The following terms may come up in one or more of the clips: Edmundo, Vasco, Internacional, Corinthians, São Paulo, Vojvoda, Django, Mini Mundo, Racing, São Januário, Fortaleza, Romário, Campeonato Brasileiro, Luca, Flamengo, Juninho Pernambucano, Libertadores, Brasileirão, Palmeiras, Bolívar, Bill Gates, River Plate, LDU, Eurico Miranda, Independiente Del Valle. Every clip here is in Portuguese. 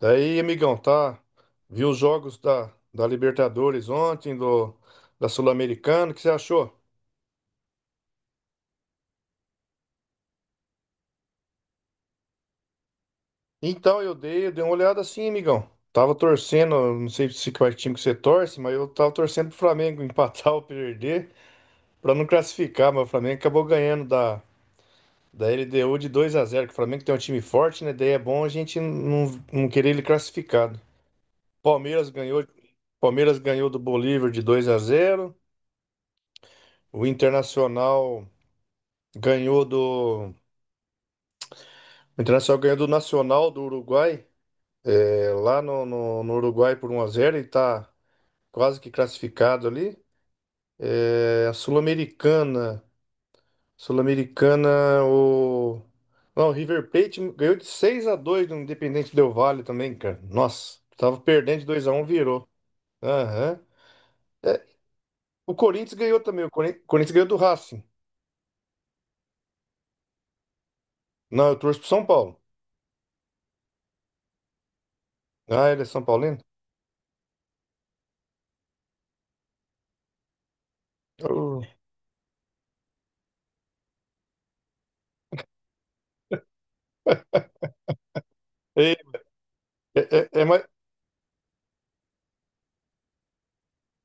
Daí, amigão, tá? Viu os jogos da Libertadores ontem, da Sul-Americana, o que você achou? Então, eu dei uma olhada assim, amigão. Tava torcendo, não sei se qual time que você torce, mas eu tava torcendo pro Flamengo empatar ou perder, pra não classificar, mas o Flamengo acabou ganhando da LDU de 2-0, que o Flamengo tem um time forte, né? Daí é bom a gente não querer ele classificado. Palmeiras ganhou, Palmeiras ganhou do Bolívar de 2-0. O Internacional Ganhou do. O Internacional ganhou do Nacional do Uruguai, é, lá no Uruguai por 1-0 e tá quase que classificado ali. É, a Sul-Americana. Sul-Americana, o. Não, o River Plate ganhou de 6-2 do Independente Del Valle também, cara. Nossa, tava perdendo de 2-1, virou. Aham. É, o Corinthians ganhou também. Corinthians ganhou do Racing. Não, eu torço pro São Paulo. Ah, ele é São Paulino? Eu- É, é mais.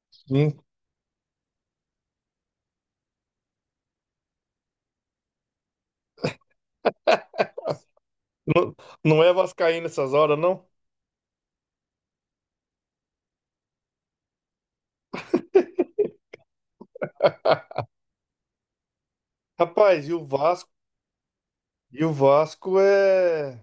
Sim. Não, não é vascaíno essas horas, não? Rapaz, e o Vasco? E o Vasco é.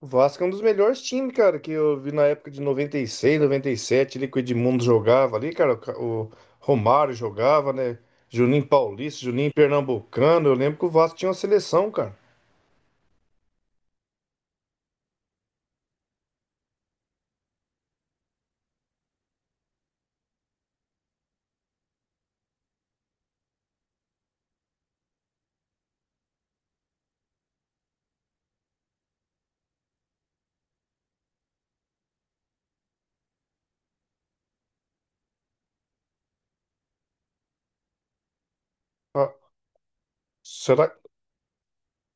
O Vasco é um dos melhores times, cara, que eu vi na época de noventa e seis, noventa e sete, ali que o Edmundo jogava ali, cara. O Romário jogava, né? Juninho Paulista, Juninho Pernambucano. Eu lembro que o Vasco tinha uma seleção, cara. Ah, será,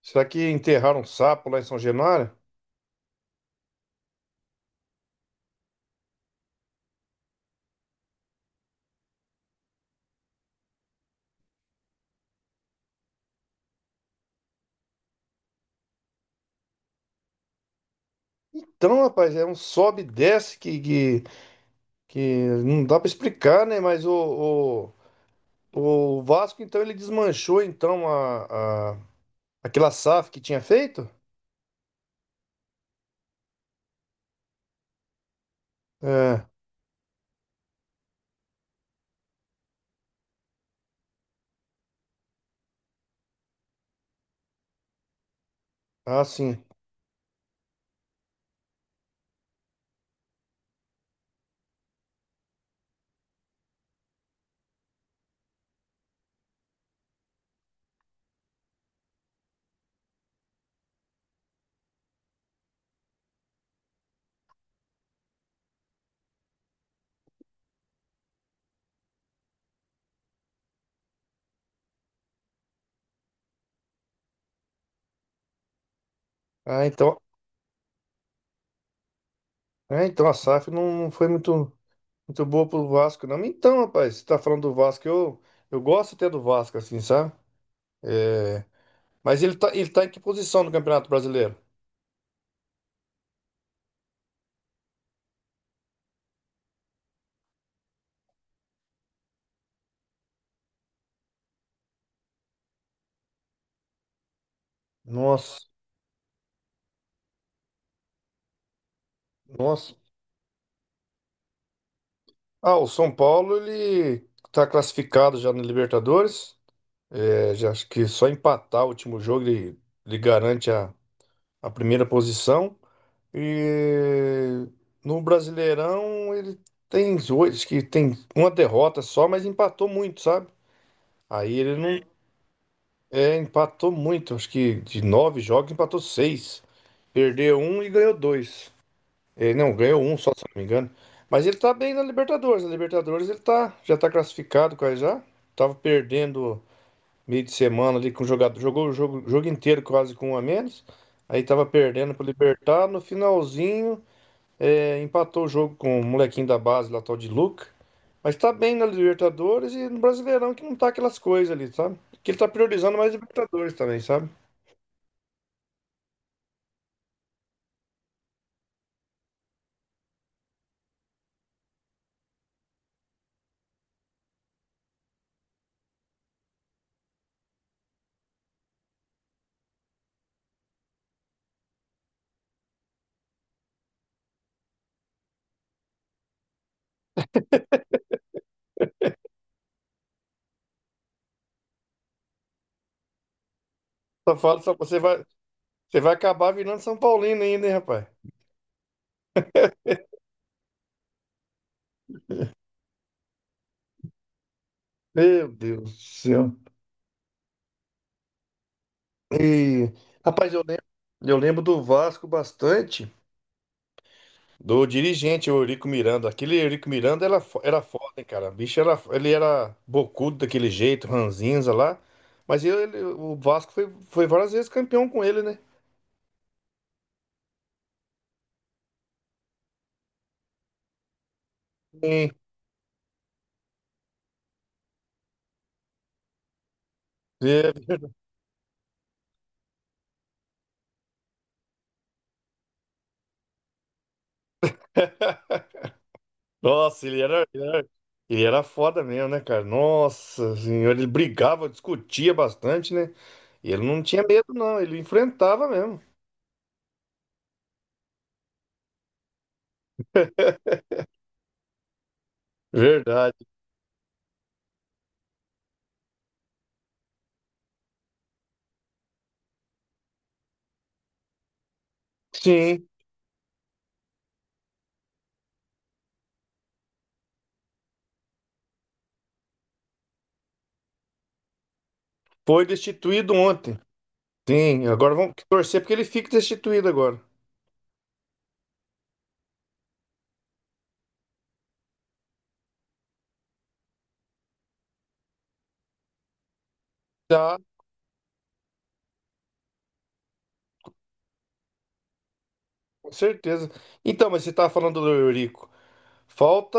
será que enterraram um sapo lá em São Januário? Então, rapaz, é um sobe e desce que não dá pra explicar, né? O Vasco, então, ele desmanchou, então, aquela SAF que tinha feito? É. Ah, sim. Ah, então, então, a SAF não foi muito, muito boa pro Vasco, não. Então, rapaz, você tá falando do Vasco, eu gosto até do Vasco, assim, sabe? É, mas ele tá em que posição no Campeonato Brasileiro? Nossa, nossa. Ah, o São Paulo, ele tá classificado já na Libertadores. É, já acho que só empatar o último jogo, ele garante a primeira posição. E no Brasileirão ele tem oito, que tem uma derrota só, mas empatou muito, sabe? Aí ele não é, empatou muito, acho que de nove jogos empatou seis, perdeu um e ganhou dois. É, não, ganhou um só, se eu não me engano. Mas ele tá bem na Libertadores. Na Libertadores já tá classificado quase já. Tava perdendo meio de semana ali com o jogador, jogou o jogo inteiro quase com um a menos. Aí tava perdendo pro Libertar, no finalzinho empatou o jogo com o molequinho da base lá, tal de Luca. Mas tá bem na Libertadores e no Brasileirão, que não tá aquelas coisas ali, sabe? Que ele tá priorizando mais Libertadores também, sabe? Só fala, só você vai acabar virando São Paulino ainda, hein, rapaz? Meu Deus do céu. E, rapaz, eu lembro do Vasco bastante. Do dirigente, o Eurico Miranda. Aquele Eurico Miranda era foda, hein, cara. Ele era bocudo daquele jeito, ranzinza lá. Mas o Vasco foi várias vezes campeão com ele, né? Sim. É. Nossa, ele era foda mesmo, né, cara? Nossa Senhora, ele brigava, discutia bastante, né? E ele não tinha medo, não. Ele enfrentava mesmo. Verdade. Sim, foi destituído ontem. Sim, agora vamos torcer porque ele fique destituído agora. Tá. Com certeza. Então, mas você estava falando do Eurico. Falta,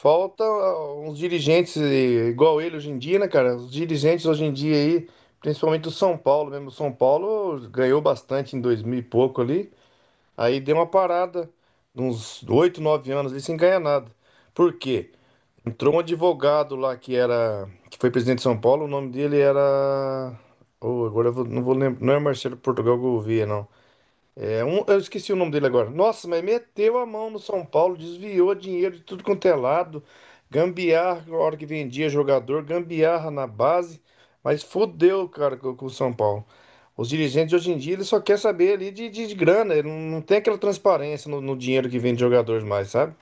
falta, uns dirigentes, igual ele hoje em dia, né, cara? Os dirigentes hoje em dia aí, principalmente do São Paulo mesmo. O São Paulo ganhou bastante em 2000 e pouco ali. Aí deu uma parada, uns 8 9 anos ali sem ganhar nada. Por quê? Entrou um advogado lá que foi presidente de São Paulo, o nome dele era. Oh, agora não vou lembrar. Não é Marcelo Portugal Gouveia, não. Eu esqueci o nome dele agora. Nossa, mas meteu a mão no São Paulo, desviou dinheiro de tudo quanto é lado, gambiarra na hora que vendia jogador, gambiarra na base, mas fodeu, cara, com o São Paulo. Os dirigentes de hoje em dia, eles só querem saber ali de grana, ele não tem aquela transparência no dinheiro que vem de jogadores mais, sabe?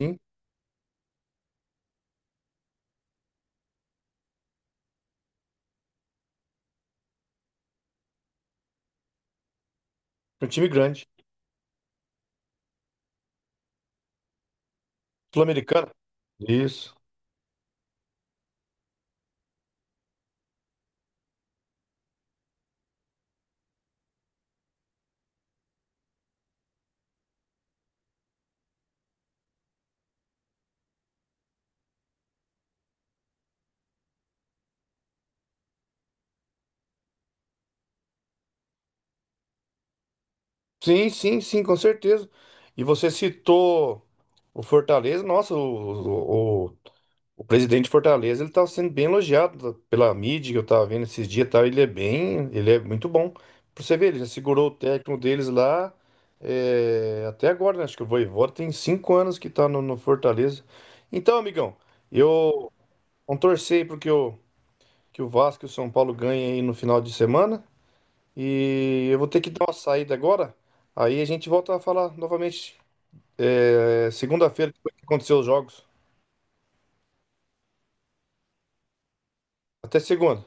Sim, é um time grande. Sul-Americana? Isso. Sim, sim, sim, com certeza. E você citou o Fortaleza, nossa, o presidente de Fortaleza, ele tá sendo bem elogiado pela mídia que eu tava vendo esses dias, e ele é muito bom. Pra você ver, ele já segurou o técnico deles lá, até agora, né? Acho que o Vojvoda tem 5 anos que tá no Fortaleza. Então, amigão, eu vou torcer aí pro que o Vasco e o São Paulo ganhem aí no final de semana. E eu vou ter que dar uma saída agora. Aí a gente volta a falar novamente, segunda-feira, depois que acontecer os jogos. Até segunda.